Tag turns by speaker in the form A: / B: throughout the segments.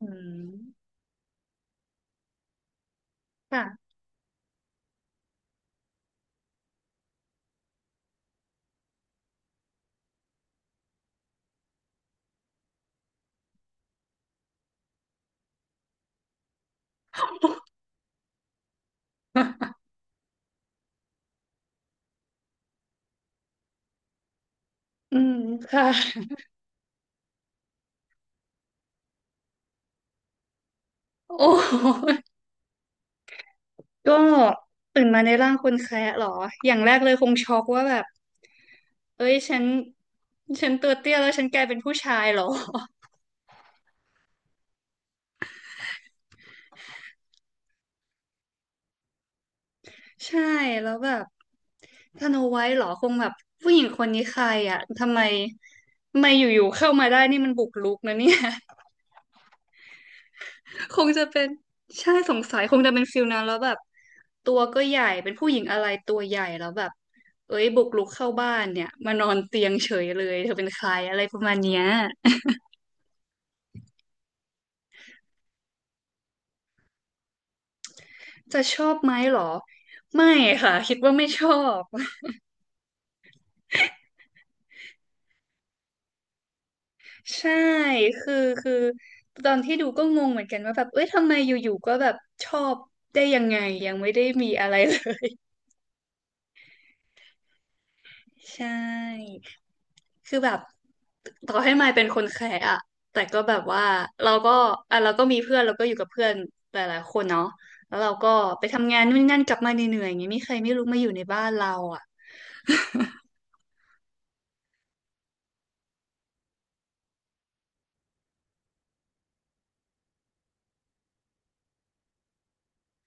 A: อืมค่ะอืมค่ะโอ้โหก็ตื่นมาในร่างคนแคะเหรออย่างแรกเลยคงช็อกว่าแบบเอ้ยฉันตัวเตี้ยแล้วฉันกลายเป็นผู้ชายเหรอ ใช่แล้วแบบสโนไวท์เหรอคงแบบผู้หญิงคนนี้ใครอ่ะทำไมอยู่ๆเข้ามาได้นี่มันบุกรุกนะเนี่ย คงจะเป็นใช่สงสัยคงจะเป็นฟิลนั้นแล้วแบบตัวก็ใหญ่เป็นผู้หญิงอะไรตัวใหญ่แล้วแบบเอ้ยบุกรุกเข้าบ้านเนี่ยมานอนเตียงเฉยเลยเธอเป็นใครอะไรประมาณเนี้ยจะชอบไหมเหรอไม่ค่ะคิดว่าไม่ชอบใช่คือคือตอนที่ดูก็งงเหมือนกันว่าแบบเอ้ยทำไมอยู่ๆก็แบบชอบได้ยังไงยังไม่ได้มีอะไรเลย ใช่ คือแบบต่อให้มายเป็นคนแคร์อะแต่ก็แบบว่าเราก็อ่ะเราก็มีเพื่อนเราก็อยู่กับเพื่อนหลายๆคนเนาะแล้วเราก็ไปทำงานนู่นนนั่นกลับมาเหนื่อยๆอย่างเงี้ยมีใครไม่รู้มาอยู่ในบ้านเราอะ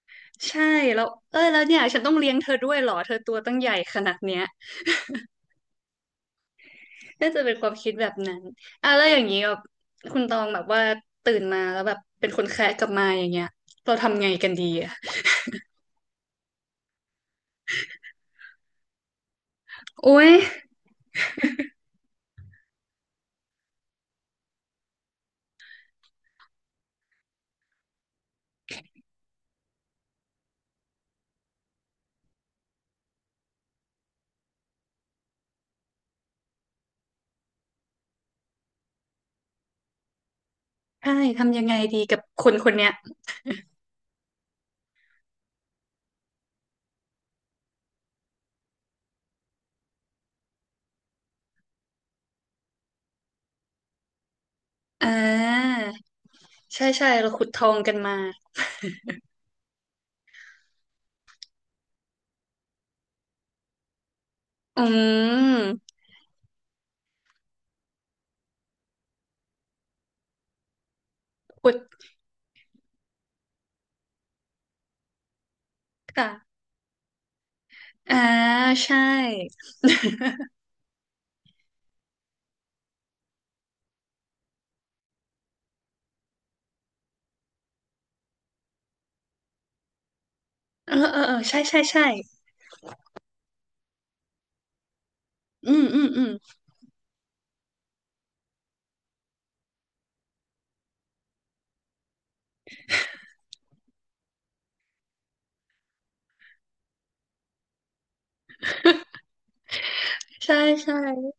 A: ใช่แล้วเออแล้วเนี่ยฉันต้องเลี้ยงเธอด้วยเหรอเธอตัวตั้งใหญ่ขนาดเนี้ยน่าจะเป็นความคิดแบบนั้นอ่ะแล้วอย่างนี้แบบคุณตองแบบว่าตื่นมาแล้วแบบเป็นคนแคะกลับมาอย่างเงี้ยเราทำไงกันดีอะโอ๊ยใช่ทำยังไงดีกับคนคนเนี้ยอ่า ใช่ใช่เราขุดทองกันมา อืมขุดค่ะอ่าใช่เออเออเออใช่ใช่ใช่อืมอืมอืมใช่ใช่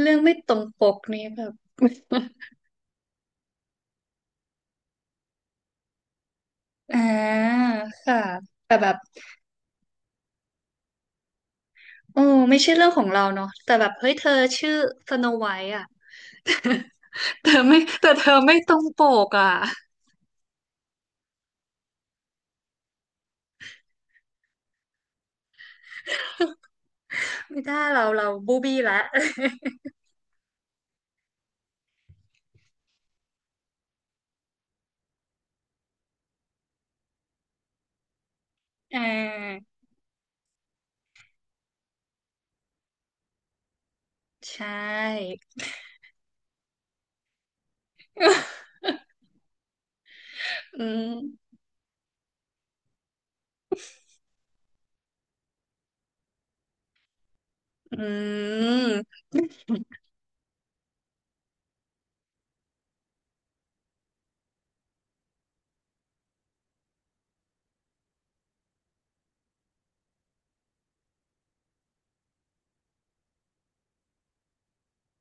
A: เรื่องไม่ตรงปกนี่แบบ อ่าค่ะแต่แบบโอ้ไม่ใช่เรื่องของเราเนาะแต่แบบเฮ้ยเธอชื่อสโนไวท์อ่ะ เธอไม่แต่เธอไม่ตรงปกอ่ะไม่ได้เราบูบี้ละ อ่าใช่ อืมอืม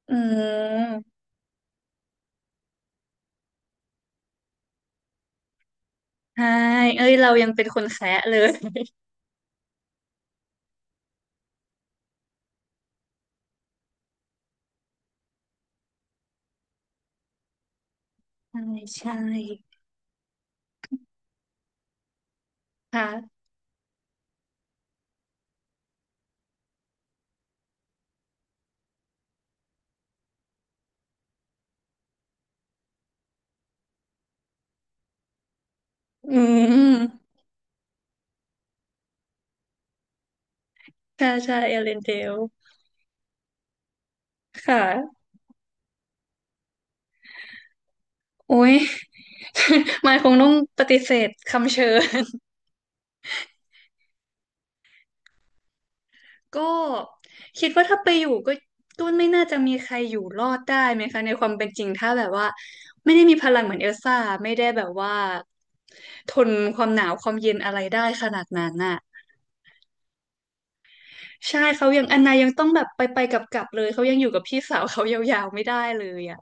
A: อืม ใช่เอ้ยเรายังเป็นคนแคะเลยใช่ใช่ค่ะอืมใช่ใช่เอเลนเดลค่ะโอ้ย มายคงต้องปฏิเสธคำเชิญ ก็คิดว่าถ้าไปอยู่ก็ก็ไม่น่าจะมีใครอยู่รอดได้ไหมคะในความเป็นจริงถ้าแบบว่าไม่ได้มีพลังเหมือนเอลซ่าไม่ได้แบบว่าทนความหนาวความเย็นอะไรได้ขนาดนั้นน่ะใช่เขายังอันนายังต้องแบบไปไปกลับกลับๆเลยเขายังอยู่กับพี่สาวเขายาวๆไม่ได้เลยอ่ะ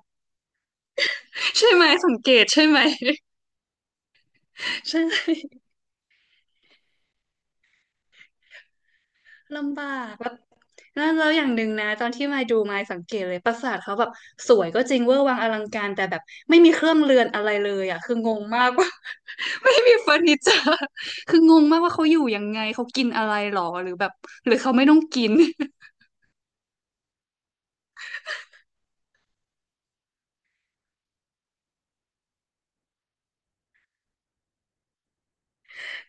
A: ใช่ไหมสังเกตใช่ไหม ใช่ ลำบากแล้วนั่นแล้วอย่างหนึ่งนะตอนที่มาดูมาสังเกตเลยปราสาทเขาแบบสวยก็จริงเวอร์วังอลังการแต่แบบไม่มีเครื่องเรือนอะไรเลยอ่ะคืองงมากว่า ไม่มีเฟอร์นิเจอร์คืองงมากว่าเขาอยู่ยังไงเขากินอะไรหรอหรือแบบหรือเขาไม่ต้องกิน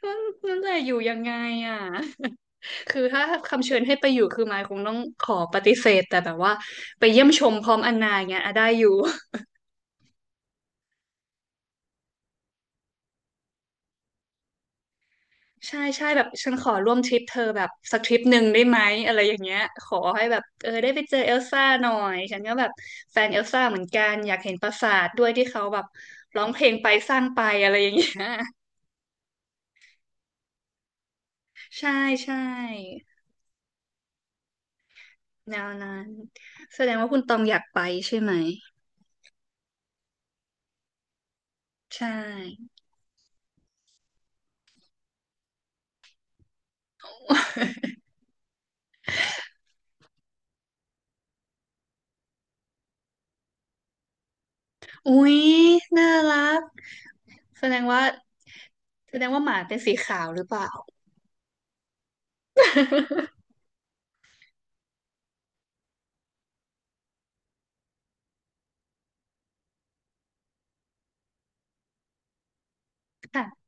A: นั่น นั่นแหละอยู่ยังไงอ่ะคือถ้าคำเชิญให้ไปอยู่คือมายคงต้องขอปฏิเสธแต่แบบว่าไปเยี่ยมชมพร้อมอันนาอย่างเงี้ยอ่ะได้อยู่ ใช่ใช่แบบฉันขอร่วมทริปเธอแบบสักทริปหนึ่งได้ไหมอะไรอย่างเงี้ยขอให้แบบเออได้ไปเจอเอลซ่าหน่อยฉันก็แบบแฟนเอลซ่าเหมือนกันอยากเห็นปราสาทด้วยที่เขาแบบร้องเพลงไปสร้างไปอะไรอย่างเงี้ย ใช่ใช่แนวนั้นแสดงว่าคุณตองอยากไปใช่ไหมใช่ อุ๊ยน่ารักแสดงว่าแสดงว่าหมาเป็นสีขาวหรือเปล่าค่ะ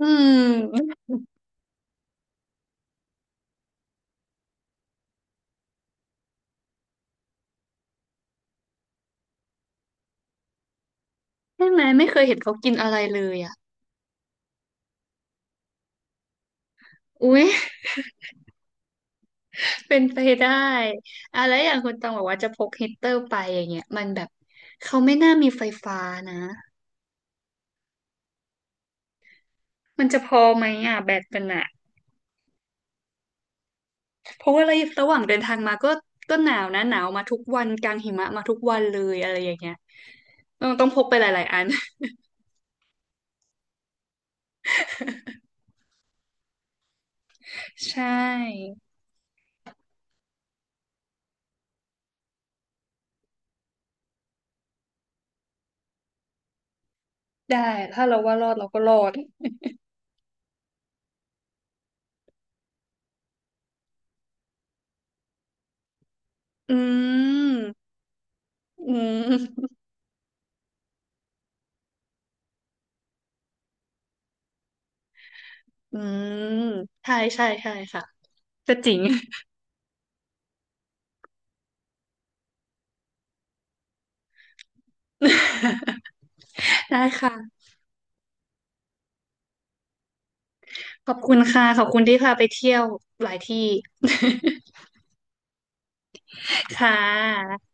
A: อืมใช่ไหมไม่เคยเห็นเขากินอะไรเลยอ่ะอุ๊ย เป็นไปได้อะแล้วอย่างคุณตองบอกว่าจะพกฮีตเตอร์ไปอย่างเงี้ยมันแบบเขาไม่น่ามีไฟฟ้านะมันจะพอไหมอ่ะแบตมันอ่ะเพราะว่าระยะระหว่างเดินทางมาก็ก็หนาวนะหนาวมาทุกวันกลางหิมะมาทุกวันเลยอะไรอย่างเงี้ยต้องพกไปหลายๆอัน ใช่ได้ถ้าเราว่ารอดเราก็รอดอืมอืมอืมใช่ใช่ใช่ค่ะก็จริง ได้ค่ะ ขอบคุณค่ะขอบคุณที่พาไปเที่ยวหลายที่ ค่ะ